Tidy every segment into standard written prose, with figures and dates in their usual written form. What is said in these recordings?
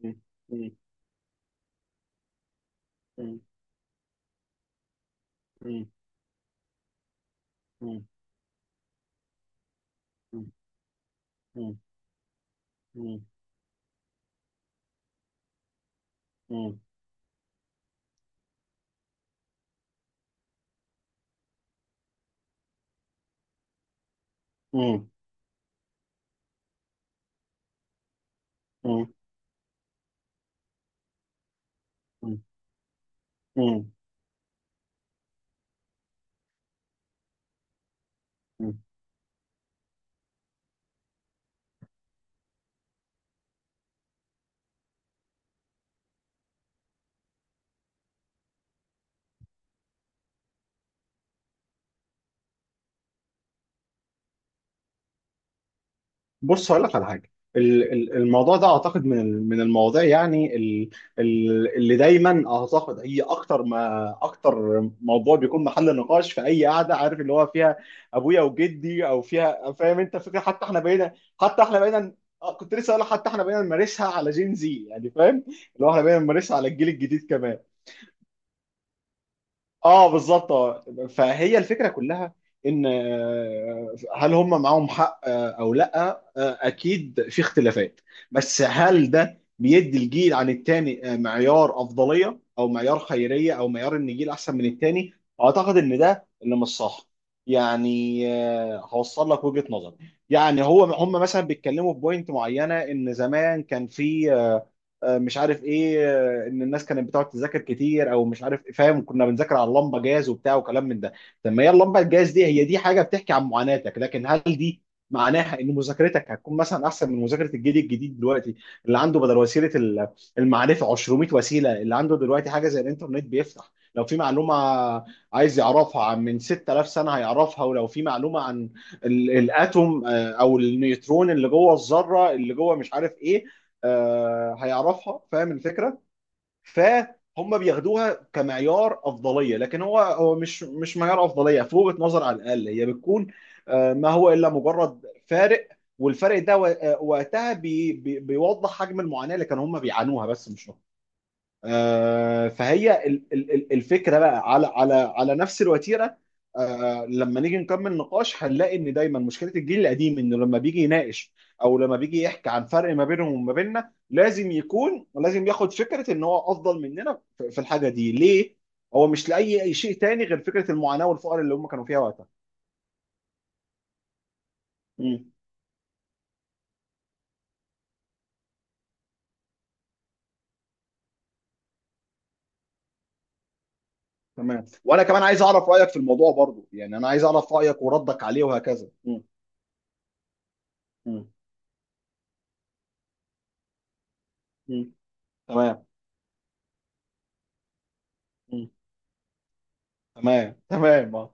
مم. مم. مم. مم. مم. مم. مم. مم. مم. مم. مم. مم. مم. بص، هقول لك على حاجه. الموضوع ده اعتقد من المواضيع، يعني اللي دايما اعتقد هي اكتر ما اكتر موضوع بيكون محل نقاش في اي قعده، عارف، اللي هو فيها ابويا وجدي، او فيها، فاهم انت فكره؟ حتى احنا بقينا كنت لسه اقول لك، حتى احنا بقينا نمارسها على جين، زي يعني فاهم، اللي هو احنا بقينا نمارسها على الجيل الجديد كمان. اه، بالظبط، اه. فهي الفكره كلها ان هل هم معاهم حق او لا، اكيد في اختلافات، بس هل ده بيدي الجيل عن التاني معيار افضليه، او معيار خيريه، او معيار ان الجيل احسن من التاني؟ اعتقد ان ده اللي مش صح. يعني هوصل لك وجهه نظر. يعني هو هم مثلا بيتكلموا في بوينت معينه ان زمان كان في مش عارف ايه، ان الناس كانت بتقعد تذاكر كتير او مش عارف فاهم، كنا بنذاكر على اللمبه جاز وبتاع وكلام من ده. طب ما هي اللمبه الجاز دي هي دي حاجه بتحكي عن معاناتك، لكن هل دي معناها ان مذاكرتك هتكون مثلا احسن من مذاكره الجيل الجديد دلوقتي، اللي عنده بدل وسيله المعرفه، 200 وسيله؟ اللي عنده دلوقتي حاجه زي الانترنت، بيفتح لو في معلومه عايز يعرفها عن من 6000 سنه هيعرفها، ولو في معلومه عن الاتوم او النيوترون اللي جوه الذره اللي جوه، مش عارف ايه، هيعرفها، فاهم الفكره. فهم بياخدوها كمعيار افضليه، لكن هو مش معيار افضليه، في وجهه نظر على الاقل هي بتكون ما هو الا مجرد فارق. والفرق ده وقتها بي بي بيوضح حجم المعاناه اللي كانوا هم بيعانوها، بس مش فهي الفكره بقى على على نفس الوتيره. لما نيجي نكمل نقاش هنلاقي ان دايما مشكله الجيل القديم انه لما بيجي يناقش او لما بيجي يحكي عن فرق ما بينهم وما بيننا، لازم يكون، لازم ياخد فكره ان هو افضل مننا في الحاجه دي. ليه؟ هو مش لاي أي شيء تاني غير فكره المعاناه والفقر اللي هم كانوا فيها وقتها. مم. تمام، وانا كمان عايز اعرف رايك في الموضوع برضو، يعني انا عايز اعرف رايك وردك عليه وهكذا. مم. مم. مم. تمام. مم. تمام، تمام.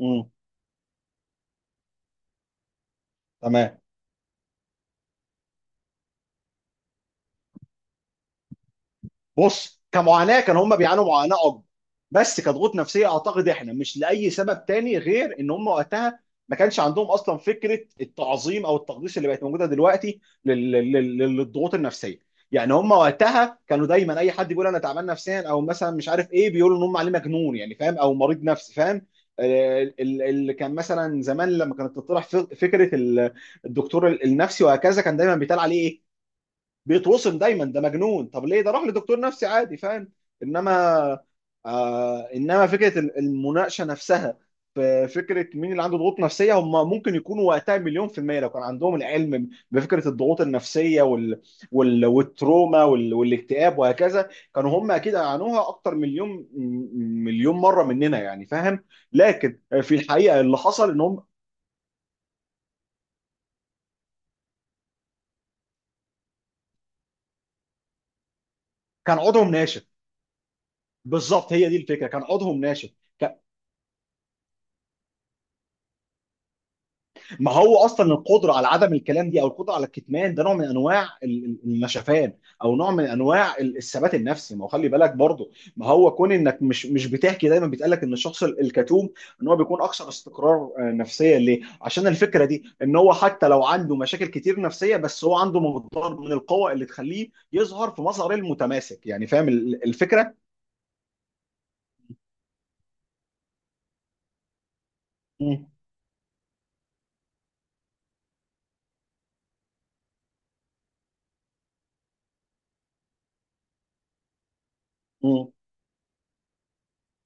امم تمام. بص، كمعاناه كان هم بيعانوا معاناه اكبر، بس كضغوط نفسيه اعتقد احنا مش لاي سبب تاني غير ان هم وقتها ما كانش عندهم اصلا فكره التعظيم او التقديس اللي بقت موجوده دلوقتي للضغوط النفسيه. يعني هم وقتها كانوا دايما اي حد بيقول انا تعبان نفسيا او مثلا مش عارف ايه، بيقولوا ان هم عليه مجنون، يعني فاهم، او مريض نفسي، فاهم. اللي كان مثلا زمان لما كانت تطرح فكره الدكتور النفسي وهكذا، كان دايما بيتقال عليه إيه؟ بيتوصم دايما ده مجنون، طب ليه ده راح لدكتور نفسي عادي، فاهم. انما انما فكره المناقشه نفسها في فكره مين اللي عنده ضغوط نفسيه، هم ممكن يكونوا وقتها مليون في الميه، لو كان عندهم العلم بفكره الضغوط النفسيه والتروما والاكتئاب وهكذا، كانوا هم اكيد عانوها اكتر مليون مليون مره مننا، يعني فاهم. لكن في الحقيقه اللي حصل انهم كان عضهم ناشف. بالظبط، هي دي الفكره، كان عضهم ناشف. ما هو اصلا القدره على عدم الكلام دي، او القدره على الكتمان ده، نوع من انواع النشفان، او نوع من انواع الثبات النفسي. ما هو خلي بالك برضه، ما هو كون انك مش بتحكي، دايما بيتقال لك ان الشخص الكتوم ان هو بيكون اكثر استقرار نفسيا، ليه؟ عشان الفكره دي ان هو حتى لو عنده مشاكل كتير نفسيه، بس هو عنده مقدار من القوه اللي تخليه يظهر في مظهر المتماسك، يعني فاهم الفكره؟ مم. مم.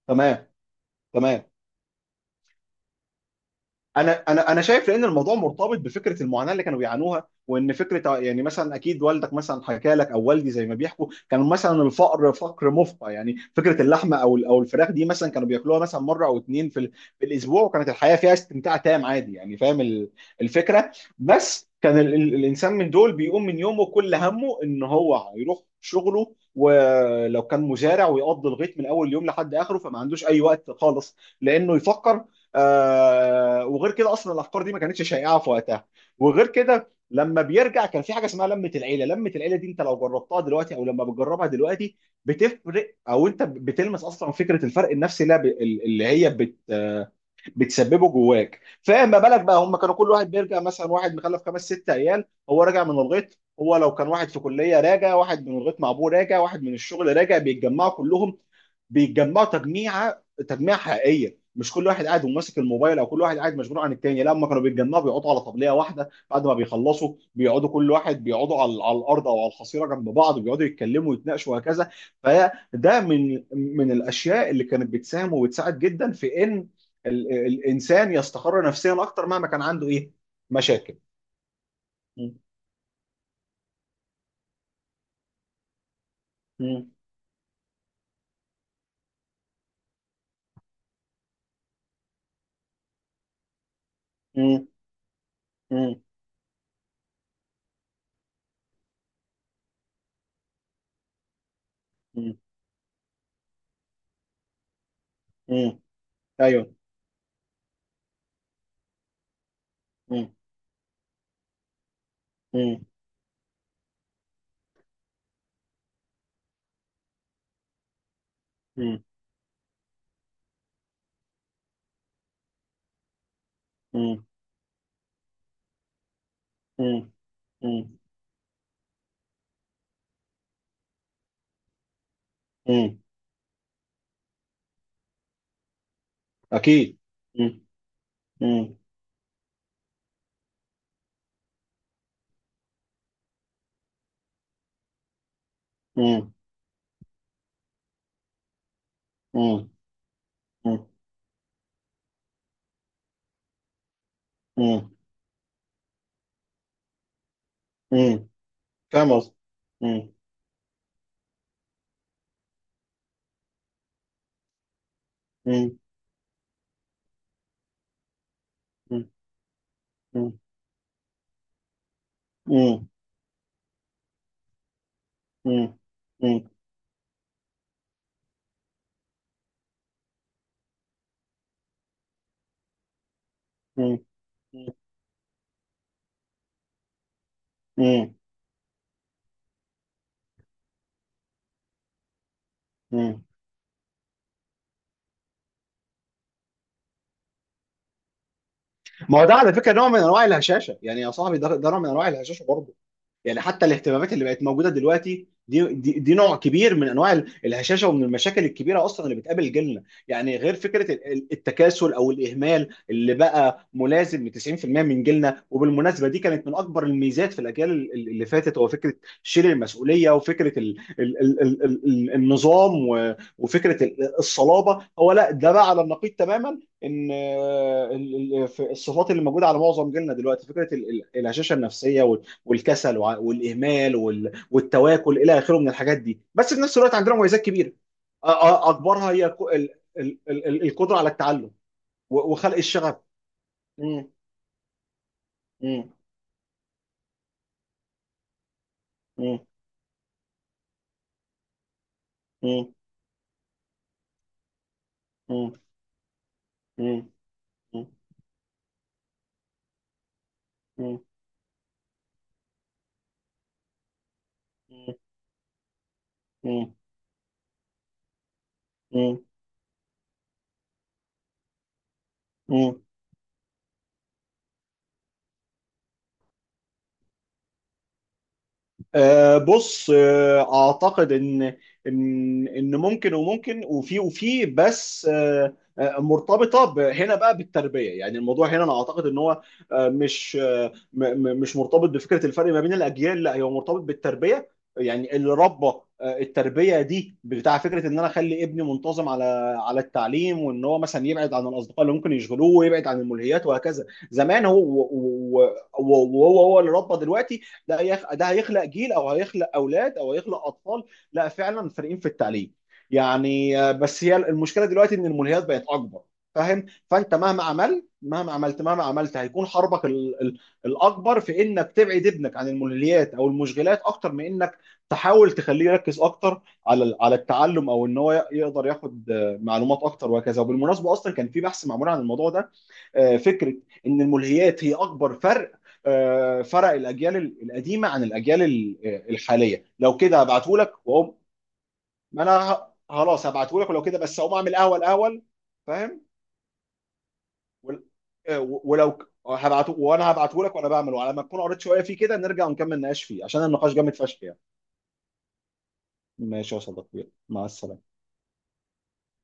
تمام. تمام. انا شايف لان الموضوع مرتبط بفكره المعاناه اللي كانوا بيعانوها، وان فكره يعني، مثلا اكيد والدك مثلا حكى لك او والدي زي ما بيحكوا، كان مثلا الفقر فقر مفقع، يعني فكره اللحمه او الفراخ دي مثلا كانوا بياكلوها مثلا مره او اتنين في في الاسبوع، وكانت الحياه فيها استمتاع تام عادي، يعني فاهم الفكره. بس كان ال ال الانسان من دول بيقوم من يومه، كل همه ان هو يروح شغله، ولو كان مزارع ويقضي الغيط من اول يوم لحد اخره، فما عندوش اي وقت خالص لانه يفكر. وغير كده اصلا الافكار دي ما كانتش شائعه في وقتها، وغير كده لما بيرجع كان في حاجه اسمها لمه العيله. لمه العيله دي انت لو جربتها دلوقتي او لما بتجربها دلوقتي، بتفرق، او انت بتلمس اصلا فكره الفرق النفسي اللي هي بت آه، بتسببه جواك. فما بالك بقى، هم كانوا كل واحد بيرجع، مثلا واحد مخلف خمس ست عيال، هو راجع من الغيط، هو لو كان واحد في كليه راجع، واحد من الغيط مع ابوه راجع، واحد من الشغل راجع، بيتجمعوا كلهم. بيتجمعوا تجميعه، تجميعه حقيقيه، مش كل واحد قاعد وماسك الموبايل او كل واحد قاعد مشغول عن التاني. لا، هم كانوا بيتجمعوا، بيقعدوا على طبليه واحده، بعد ما بيخلصوا بيقعدوا كل واحد، بيقعدوا على الارض او على الحصيره جنب بعض، بيقعدوا يتكلموا ويتناقشوا وهكذا. فده من الاشياء اللي كانت بتساهم وبتساعد جدا في ان الانسان يستقر نفسيا اكتر مهما كان عنده ايه مشاكل. م- م- م- م- م- م. ايوه. م- م- م- م- م- م- م. اكيد. م- م- م- م- م- م- م. فاهم قصدي. م- م- م- م- م- م- م- م- م- م. ما هو ده على فكره نوع من انواع الهشاشه، يعني يا صاحبي، ده نوع من انواع الهشاشه برضه. يعني حتى الاهتمامات اللي بقت موجوده دلوقتي دي نوع كبير من انواع الهشاشه، ومن المشاكل الكبيره اصلا اللي بتقابل جيلنا، يعني غير فكره التكاسل او الاهمال اللي بقى ملازم ل 90% من جيلنا. وبالمناسبه دي كانت من اكبر الميزات في الاجيال اللي فاتت، هو فكره شيل المسؤوليه وفكره النظام وفكره الصلابه. هو لا، ده بقى على النقيض تماما، ان في الصفات اللي موجوده على معظم جيلنا دلوقتي فكره الهشاشه النفسيه، والكسل والاهمال والتواكل الى اخره من الحاجات دي، بس في نفس الوقت عندنا مميزات كبيره. أ- اكبرها هي القدره على التعلم وخلق الشغف. مم. مم. مم. مم. مم. مم. مم. مم. مم. مم. بص، اعتقد ان ان ممكن، وممكن، وفي وفي بس مرتبطه هنا بقى بالتربيه. يعني الموضوع هنا انا اعتقد ان هو مش مش مرتبط بفكره الفرق ما بين الاجيال، لا هو مرتبط بالتربيه. يعني اللي ربى، التربيه دي بتاع فكره ان انا اخلي ابني منتظم على التعليم، وان هو مثلا يبعد عن الاصدقاء اللي ممكن يشغلوه، ويبعد عن الملهيات وهكذا. زمان هو، وهو اللي ربى دلوقتي، ده هيخلق جيل، او هيخلق اولاد، او هيخلق اطفال لا، فعلا فارقين في التعليم. يعني بس هي المشكله دلوقتي ان الملهيات بقت اكبر، فاهم. فانت مهما عملت، مهما عملت، مهما عملت هيكون حربك الاكبر في انك تبعد ابنك عن الملهيات او المشغلات، اكتر من انك تحاول تخليه يركز اكتر على على التعلم، او ان هو يقدر ياخد معلومات اكتر وهكذا. وبالمناسبه اصلا كان في بحث معمول عن الموضوع ده، فكره ان الملهيات هي اكبر فرق، فرق الاجيال القديمه عن الاجيال الحاليه. لو كده هبعته لك واقوم. ما انا خلاص هبعته لك ولو كده، بس اقوم اعمل قهوه الاول، فاهم. ول- ولو هبعته، وانا هبعته لك وانا بعمله، على ما تكون قريت شويه فيه كده، نرجع ونكمل نقاش فيه، عشان النقاش جامد فشخ يعني. ماشي يا صديقي، مع السلامه.